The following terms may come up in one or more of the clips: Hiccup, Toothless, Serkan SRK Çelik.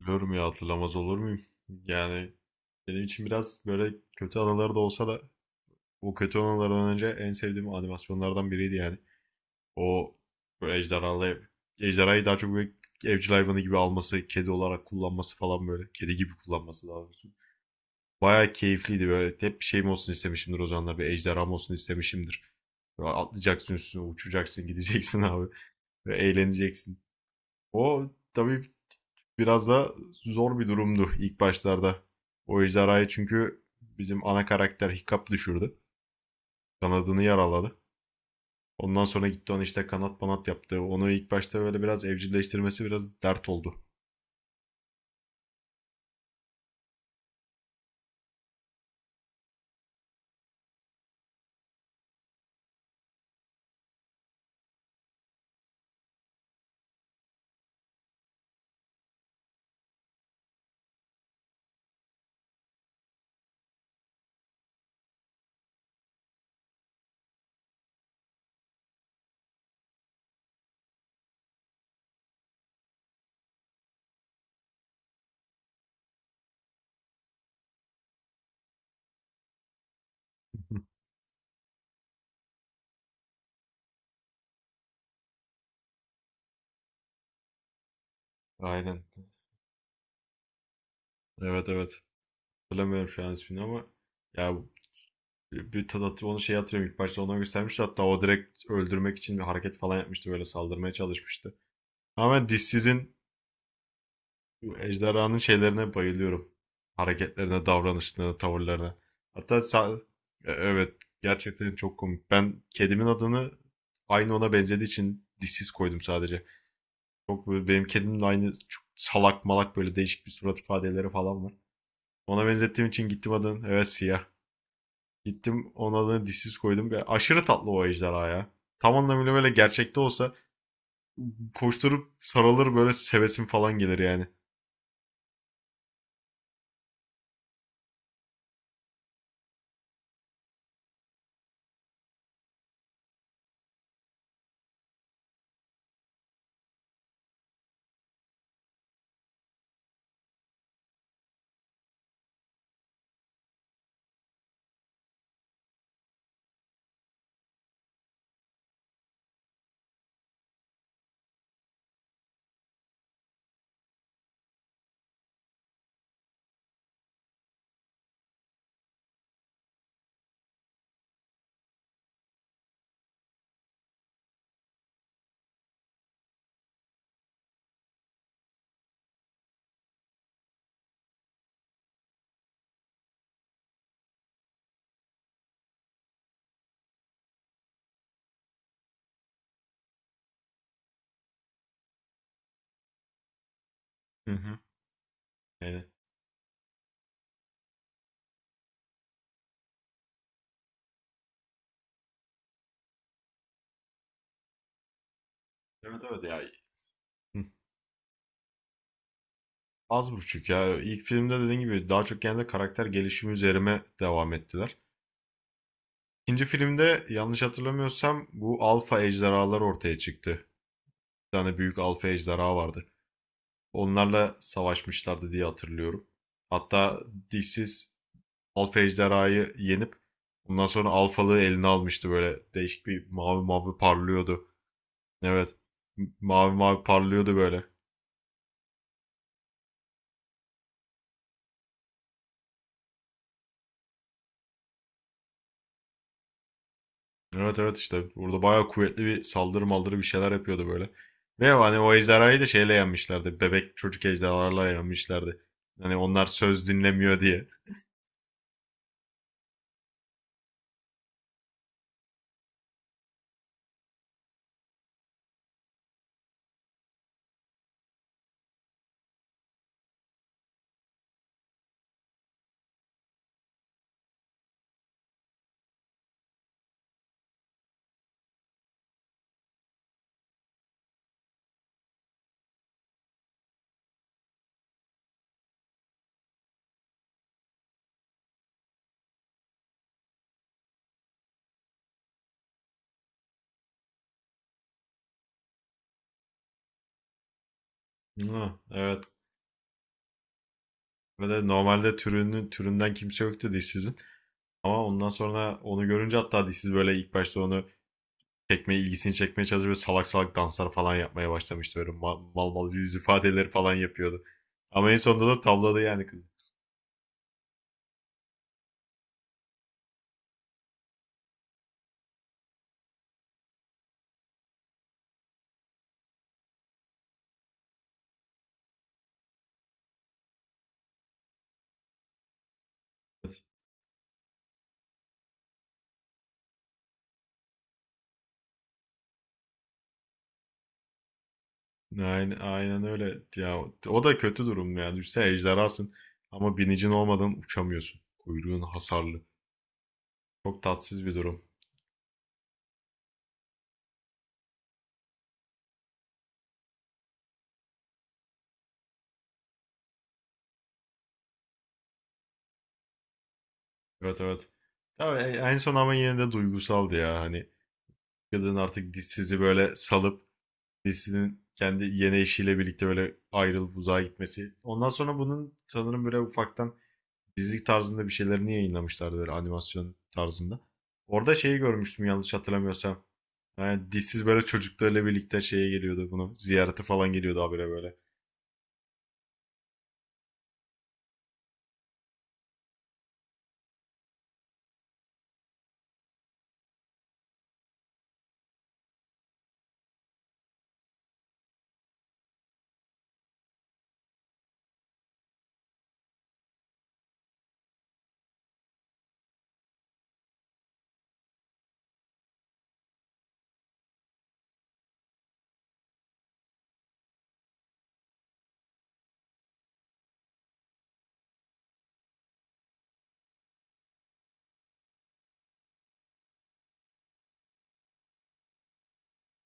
Biliyorum ya, hatırlamaz olur muyum? Yani benim için biraz böyle kötü anıları da olsa da bu kötü anılardan önce en sevdiğim animasyonlardan biriydi yani. O böyle ejderhayı daha çok böyle evcil hayvanı gibi alması, kedi olarak kullanması falan böyle. Kedi gibi kullanması daha doğrusu. Bayağı keyifliydi böyle. Hep bir şeyim olsun istemişimdir o zamanlar. Bir ejderham olsun istemişimdir. Böyle atlayacaksın üstüne, uçacaksın, gideceksin abi. Böyle eğleneceksin. O tabii biraz da zor bir durumdu ilk başlarda. O ejderhayı çünkü bizim ana karakter Hiccup düşürdü. Kanadını yaraladı. Ondan sonra gitti ona işte kanat banat yaptı. Onu ilk başta böyle biraz evcilleştirmesi biraz dert oldu. Aynen. Evet, evet. Hatırlamıyorum şu an ismini ama ya, bir tadat onu şey hatırlıyorum, ilk başta ona göstermişti, hatta o direkt öldürmek için bir hareket falan yapmıştı, böyle saldırmaya çalışmıştı. Ama dişsizin bu ejderhanın şeylerine bayılıyorum. Hareketlerine, davranışlarına, tavırlarına. Hatta sa- evet, gerçekten çok komik. Ben kedimin adını, aynı ona benzediği için, dişsiz koydum sadece. Çok böyle, benim kedimin aynı çok salak malak böyle değişik bir surat ifadeleri falan var. Ona benzettiğim için gittim adını, evet, siyah. Gittim onun adını dişsiz koydum. Ya, aşırı tatlı o ejderha ya. Tam anlamıyla böyle gerçekte olsa koşturup sarılır, böyle sevesim falan gelir yani. Hı hı. Yani. Evet, evet ya. Az buçuk ya. İlk filmde dediğin gibi daha çok genelde karakter gelişimi üzerime devam ettiler. İkinci filmde yanlış hatırlamıyorsam bu alfa ejderhalar ortaya çıktı. Bir tane büyük alfa ejderha vardı. Onlarla savaşmışlardı diye hatırlıyorum. Hatta dişsiz alfa ejderhayı yenip ondan sonra alfalığı eline almıştı böyle. Değişik bir mavi mavi parlıyordu. Evet. Mavi mavi parlıyordu böyle. Evet, evet, işte burada bayağı kuvvetli bir saldırı maldırı bir şeyler yapıyordu böyle. Ve hani o ejderhayı da şeyle yenmişlerdi. Bebek çocuk ejderhalarla yenmişlerdi. Hani onlar söz dinlemiyor diye. Hı, evet. Ve de normalde türünün türünden kimse yoktu dişsizin. Ama ondan sonra onu görünce, hatta dişsiz böyle ilk başta onu ilgisini çekmeye çalışıyor. Böyle salak salak danslar falan yapmaya başlamıştı. Böyle mal mal, mal yüz ifadeleri falan yapıyordu. Ama en sonunda da tavladı yani kızı. Aynen, aynen öyle. Ya o da kötü durum yani. Düşünsene, ejderhasın ama binicin olmadan uçamıyorsun. Kuyruğun hasarlı. Çok tatsız bir durum. Evet, evet. Tabii en son ama yine de duygusaldı ya. Hani kadın artık dişsizi böyle salıp dişsinin kendi yeni eşiyle birlikte böyle ayrılıp uzağa gitmesi. Ondan sonra bunun sanırım böyle ufaktan dizilik tarzında bir şeylerini yayınlamışlardı böyle animasyon tarzında. Orada şeyi görmüştüm yanlış hatırlamıyorsam. Yani dişsiz böyle çocuklarıyla birlikte şeye geliyordu bunu. Ziyarete falan geliyordu habire böyle.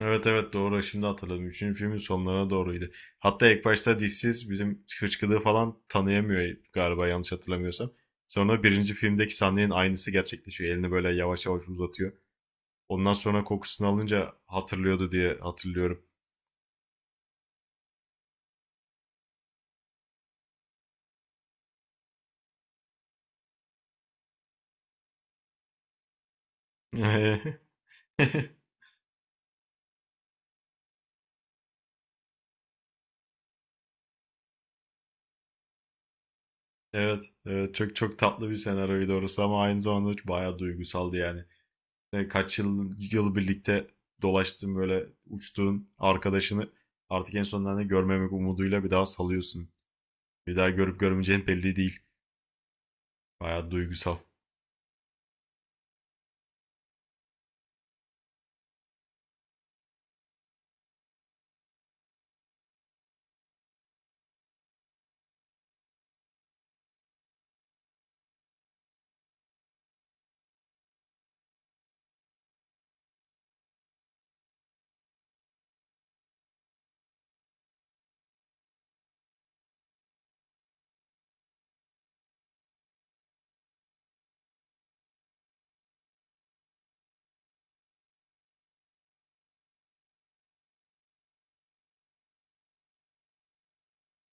Evet, evet, doğru, şimdi hatırladım. Üçüncü filmin sonlarına doğruydu. Hatta ilk başta dişsiz bizim hıçkıdığı falan tanıyamıyor galiba, yanlış hatırlamıyorsam. Sonra birinci filmdeki sahnenin aynısı gerçekleşiyor. Elini böyle yavaş yavaş uzatıyor. Ondan sonra kokusunu alınca hatırlıyordu diye hatırlıyorum. Evet, evet, çok çok tatlı bir senaryoydu orası ama aynı zamanda bayağı duygusaldı yani. Kaç yıl birlikte dolaştığın, böyle uçtuğun arkadaşını artık en sonunda ne görmemek umuduyla bir daha salıyorsun. Bir daha görüp görmeyeceğin belli değil. Bayağı duygusal.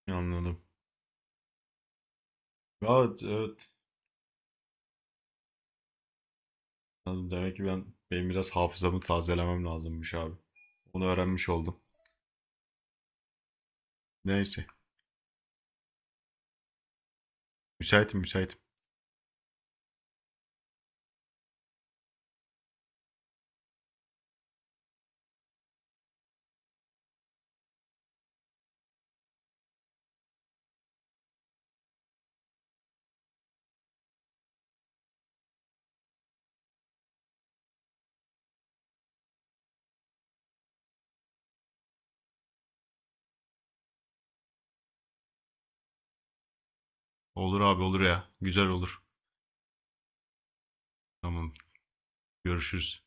Anladım. Evet, evet. Anladım. Demek ki ben benim biraz hafızamı tazelemem lazımmış abi. Onu öğrenmiş oldum. Neyse. Müsaitim, müsaitim. Olur abi, olur ya. Güzel olur. Tamam. Görüşürüz.